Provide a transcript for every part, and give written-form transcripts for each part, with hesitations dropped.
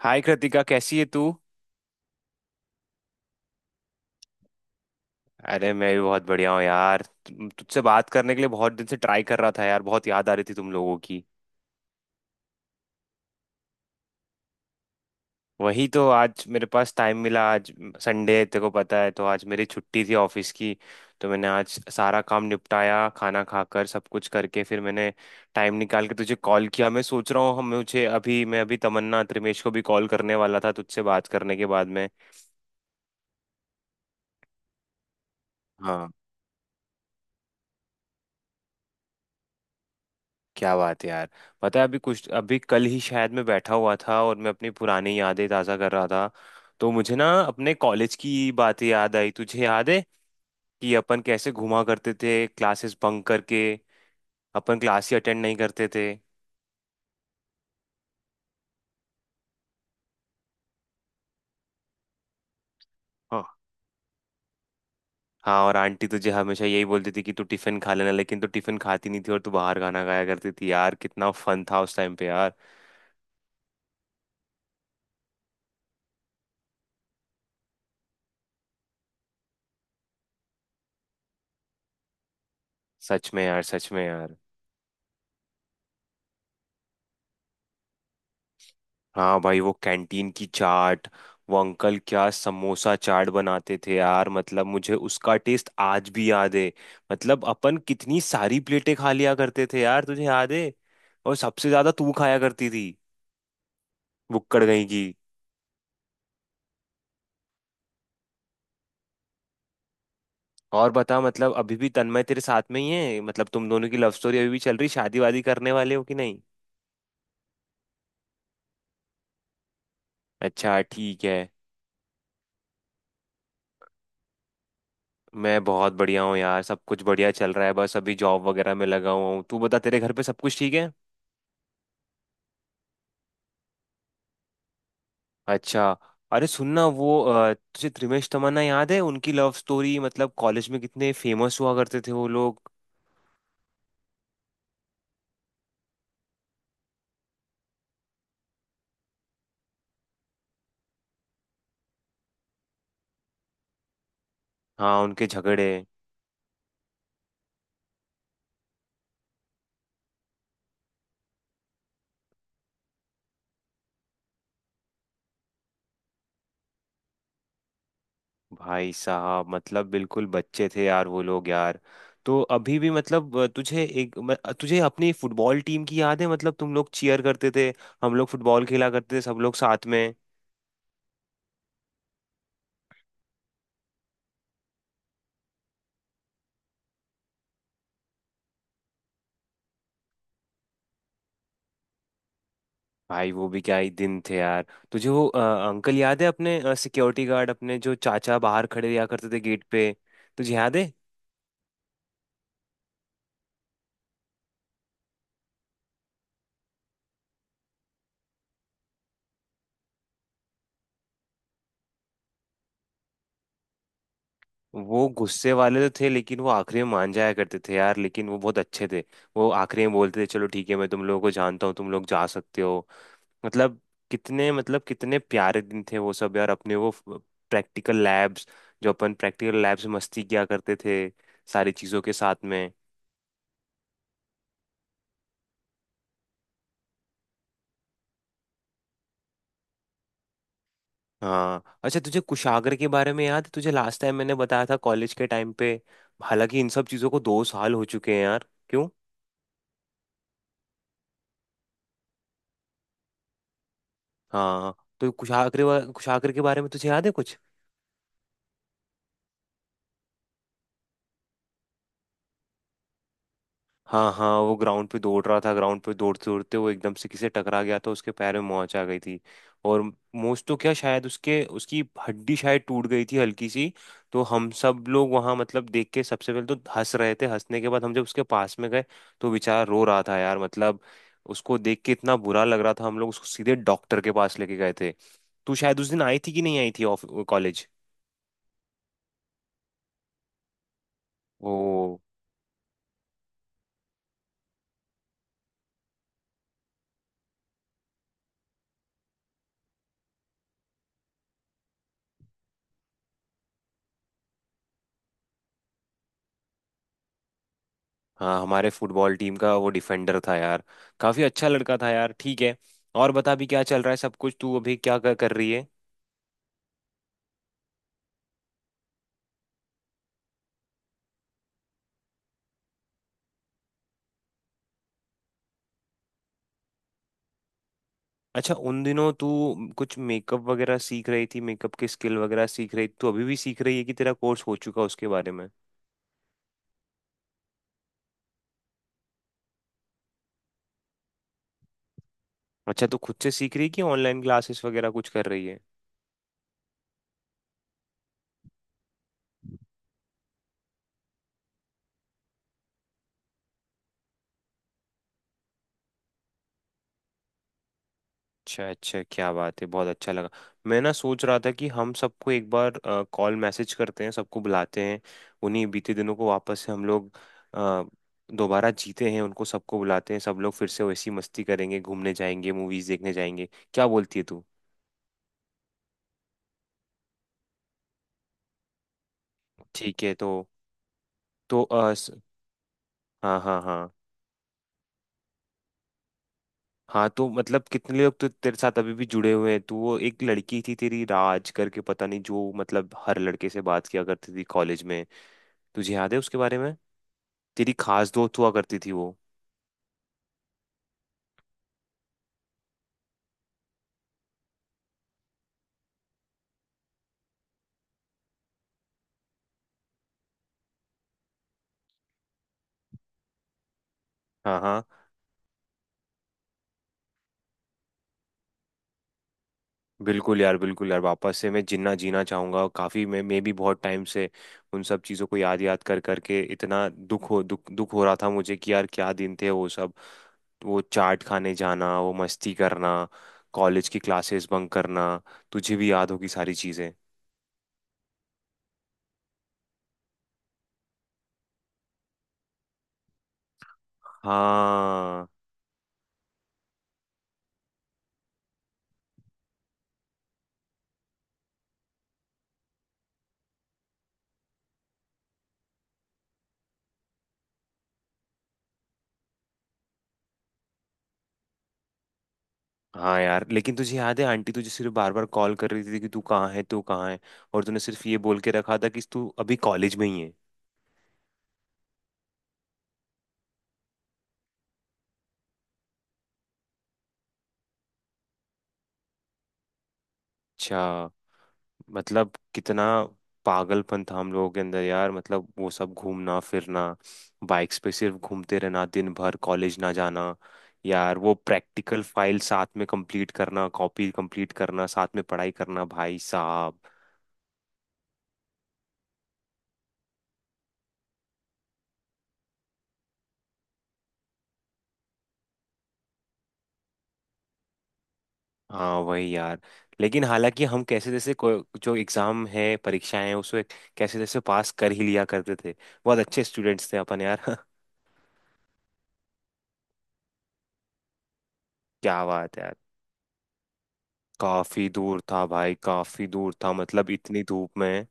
हाय कृतिका, कैसी है तू? अरे मैं भी बहुत बढ़िया हूँ यार, तुझसे बात करने के लिए बहुत दिन से ट्राई कर रहा था यार, बहुत याद आ रही थी तुम लोगों की। वही तो, आज मेरे पास टाइम मिला आज। संडे है, तेरे को पता है, तो आज मेरी छुट्टी थी ऑफिस की। तो मैंने आज सारा काम निपटाया, खाना खाकर सब कुछ करके फिर मैंने टाइम निकाल के तुझे कॉल किया। मैं सोच रहा हूँ, हम मुझे अभी मैं अभी तमन्ना त्रिमेश को भी कॉल करने वाला था तुझसे बात करने के बाद में। क्या बात है यार। पता है, अभी कल ही शायद मैं बैठा हुआ था और मैं अपनी पुरानी यादें ताज़ा कर रहा था। तो मुझे ना अपने कॉलेज की बातें याद आई तुझे याद है कि अपन कैसे घुमा करते थे क्लासेस बंक करके? अपन क्लास ही अटेंड नहीं करते थे। हाँ, हाँ, और आंटी तुझे हमेशा यही बोलती थी कि तू टिफिन खा लेना, लेकिन तू टिफिन खाती नहीं थी और तू बाहर खाना खाया करती थी यार, कितना फन था उस टाइम पे यार। सच में यार, सच में यार। हाँ भाई, वो कैंटीन की चाट, वो अंकल क्या समोसा चाट बनाते थे यार, मतलब मुझे उसका टेस्ट आज भी याद है। मतलब अपन कितनी सारी प्लेटें खा लिया करते थे यार, तुझे याद है। और सबसे ज्यादा तू खाया करती थी, बुक्कड़ गई की। और बता, मतलब अभी भी तन्मय तेरे साथ में ही है, मतलब तुम दोनों की लव स्टोरी अभी भी चल रही, शादी वादी करने वाले हो कि नहीं? अच्छा ठीक है। मैं बहुत बढ़िया हूँ यार, सब कुछ बढ़िया चल रहा है, बस अभी जॉब वगैरह में लगा हुआ हूँ। तू बता, तेरे घर पे सब कुछ ठीक है? अच्छा। अरे सुनना, वो तुझे त्रिमेश तमन्ना याद है, उनकी लव स्टोरी, मतलब कॉलेज में कितने फेमस हुआ करते थे वो लोग। हाँ, उनके झगड़े। भाई साहब, मतलब बिल्कुल बच्चे थे यार वो लोग यार। तो अभी भी मतलब तुझे एक म- अ, तुझे अपनी फुटबॉल टीम की याद है, मतलब तुम लोग चीयर करते थे, हम लोग फुटबॉल खेला करते थे सब लोग साथ में। भाई वो भी क्या ही दिन थे यार। तुझे वो अंकल याद है, अपने सिक्योरिटी गार्ड, अपने जो चाचा बाहर खड़े रहा करते थे गेट पे? तुझे याद है? वो गुस्से वाले तो थे, लेकिन वो आखिरी में मान जाया करते थे यार, लेकिन वो बहुत अच्छे थे। वो आखिरी में बोलते थे, चलो ठीक है, मैं तुम लोगों को जानता हूँ, तुम लोग जा सकते हो। मतलब, कितने प्यारे दिन थे वो सब यार, अपने वो प्रैक्टिकल लैब्स, जो अपन प्रैक्टिकल लैब्स में मस्ती किया करते थे सारी चीज़ों के साथ में। हाँ, अच्छा तुझे कुशाग्र के बारे में याद है? तुझे लास्ट टाइम मैंने बताया था कॉलेज के टाइम पे। हालांकि इन सब चीज़ों को 2 साल हो चुके हैं यार, क्यों। हाँ, तो कुशाग्र कुशाग्र के बारे में तुझे याद है कुछ? हाँ, हाँ, वो ग्राउंड पे दौड़ रहा था, ग्राउंड पे दौड़ते दौड़ते वो एकदम से किसी से टकरा गया था, उसके पैर में मोच आ गई थी। और मोच तो क्या, शायद उसके उसकी हड्डी शायद टूट गई थी हल्की सी। तो हम सब लोग वहाँ मतलब देख के सबसे पहले तो हंस रहे थे, हंसने के बाद हम जब उसके पास में गए तो बेचारा रो रहा था यार, मतलब उसको देख के इतना बुरा लग रहा था, हम लोग उसको सीधे डॉक्टर के पास लेके गए थे। तू शायद उस दिन आई थी कि नहीं आई थी ऑफ कॉलेज? ओ। हाँ, हमारे फुटबॉल टीम का वो डिफेंडर था यार, काफी अच्छा लड़का था यार, ठीक है। और बता, भी क्या चल रहा है सब कुछ, तू अभी क्या कर रही है? अच्छा, उन दिनों तू कुछ मेकअप वगैरह सीख रही थी, मेकअप की स्किल वगैरह सीख रही थी, तू अभी भी सीख रही है कि तेरा कोर्स हो चुका है उसके बारे में? अच्छा, तू खुद से सीख रही है कि ऑनलाइन क्लासेस वगैरह कुछ कर रही है? अच्छा अच्छा, क्या बात है, बहुत अच्छा लगा। मैं ना सोच रहा था कि हम सबको एक बार कॉल मैसेज करते हैं, सबको बुलाते हैं, उन्हीं बीते दिनों को वापस से हम लोग अ, दोबारा जीते हैं, उनको सबको बुलाते हैं, सब लोग फिर से वैसी मस्ती करेंगे, घूमने जाएंगे, मूवीज देखने जाएंगे। क्या बोलती है तू? ठीक है, तो हाँ, हाँ, हाँ। हाँ, तो मतलब कितने लोग तो तेरे साथ अभी भी जुड़े हुए हैं, तू वो एक लड़की थी तेरी राज करके, पता नहीं, जो मतलब हर लड़के से बात किया करती थी कॉलेज में, तुझे याद है उसके बारे में? तेरी खास दोस्त हुआ करती थी वो। हाँ, हाँ। बिल्कुल यार, बिल्कुल यार, वापस से मैं जिन्ना जीना चाहूंगा, और काफी मैं भी बहुत टाइम से उन सब चीजों को याद याद कर करके इतना दुख हो रहा था मुझे कि यार क्या दिन थे वो सब, वो चाट खाने जाना, वो मस्ती करना, कॉलेज की क्लासेस बंक करना, तुझे भी याद होगी सारी चीजें। हाँ, हाँ यार, लेकिन तुझे याद है आंटी तुझे सिर्फ बार बार कॉल कर रही थी कि तू कहाँ है, तू कहाँ है। और तूने सिर्फ ये बोल के रखा था कि तू अभी कॉलेज में ही है। अच्छा, मतलब कितना पागलपन था हम लोगों के अंदर यार, मतलब वो सब घूमना फिरना, बाइक्स पे सिर्फ घूमते रहना दिन भर, कॉलेज ना जाना, यार वो प्रैक्टिकल फाइल साथ में कंप्लीट करना, कॉपी कंप्लीट करना साथ में पढ़ाई करना, भाई साहब। हाँ वही यार, लेकिन हालांकि हम कैसे जैसे जो एग्जाम है परीक्षाएं हैं उसमें कैसे जैसे पास कर ही लिया करते थे। बहुत अच्छे स्टूडेंट्स थे अपन यार क्या बात है यार। काफी दूर था भाई, काफी दूर था, मतलब इतनी धूप में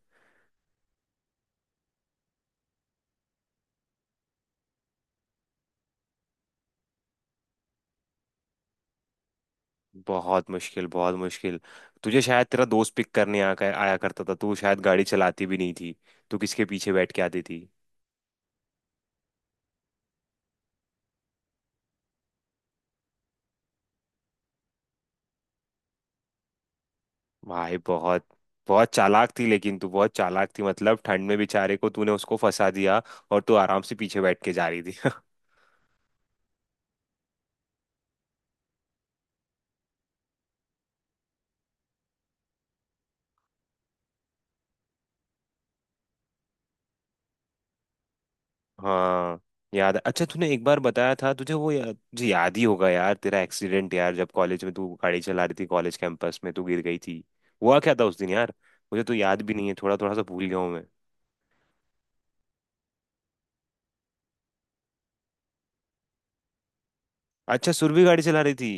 बहुत मुश्किल, बहुत मुश्किल। तुझे शायद तेरा दोस्त पिक करने आया करता था, तू शायद गाड़ी चलाती भी नहीं थी, तू किसके पीछे बैठ के आती थी? भाई, बहुत बहुत चालाक थी, लेकिन तू बहुत चालाक थी, मतलब ठंड में बेचारे को तूने उसको फंसा दिया, और तू आराम से पीछे बैठ के जा रही थी हाँ, याद है। अच्छा तूने एक बार बताया था, तुझे वो तुझे याद ही होगा यार तेरा एक्सीडेंट, यार जब कॉलेज में तू गाड़ी चला रही थी कॉलेज कैंपस में तू गिर गई थी, हुआ क्या था उस दिन यार? मुझे तो याद भी नहीं है, थोड़ा थोड़ा सा भूल गया हूँ मैं। अच्छा, सुरभि गाड़ी चला रही थी?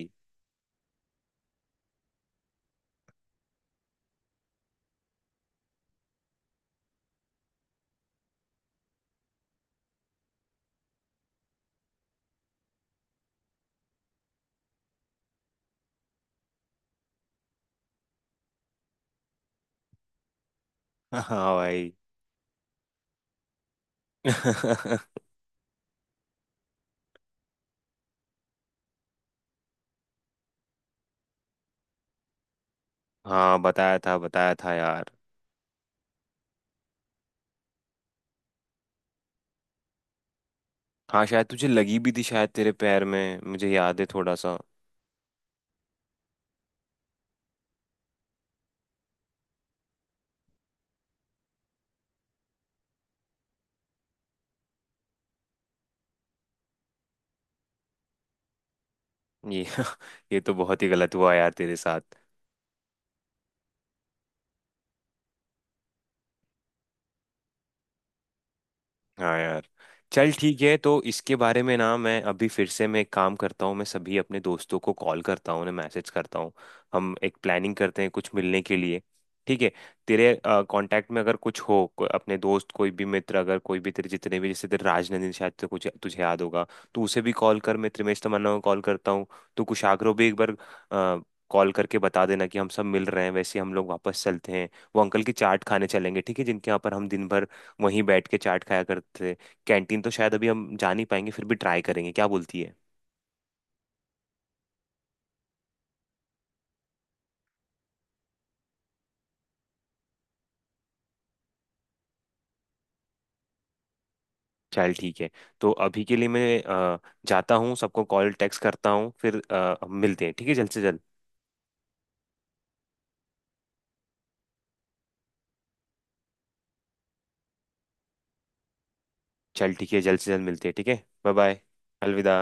हाँ भाई हाँ, बताया था, बताया था यार। हाँ, शायद तुझे लगी भी थी, शायद तेरे पैर में, मुझे याद है थोड़ा सा। ये ये तो बहुत ही गलत हुआ यार तेरे साथ। हाँ यार। चल ठीक है, तो इसके बारे में ना, मैं अभी फिर से, मैं एक काम करता हूँ, मैं सभी अपने दोस्तों को कॉल करता हूँ, उन्हें मैसेज करता हूँ, हम एक प्लानिंग करते हैं कुछ मिलने के लिए, ठीक है। तेरे कांटेक्ट में अगर कुछ हो अपने दोस्त कोई भी मित्र, अगर कोई भी तेरे जितने भी, जैसे तेरे राजनंदिनी शायद, तो कुछ तुझे याद होगा तो उसे भी कॉल कर, मैं त्रिमेश तमन्ना को कॉल करता हूँ। तो कुशाग्रो भी एक बार कॉल करके बता देना कि हम सब मिल रहे हैं, वैसे हम लोग वापस चलते हैं, वो अंकल की चाट खाने चलेंगे ठीक है, जिनके यहाँ पर हम दिन भर वहीं बैठ के चाट खाया करते थे। कैंटीन तो शायद अभी हम जा नहीं पाएंगे, फिर भी ट्राई करेंगे, क्या बोलती है? चल ठीक है, तो अभी के लिए मैं जाता हूँ, सबको कॉल टेक्स्ट करता हूँ, फिर मिलते हैं ठीक है, जल्द से जल्द। चल ठीक है, जल्द से जल्द मिलते हैं, ठीक है, बाय बाय। अलविदा।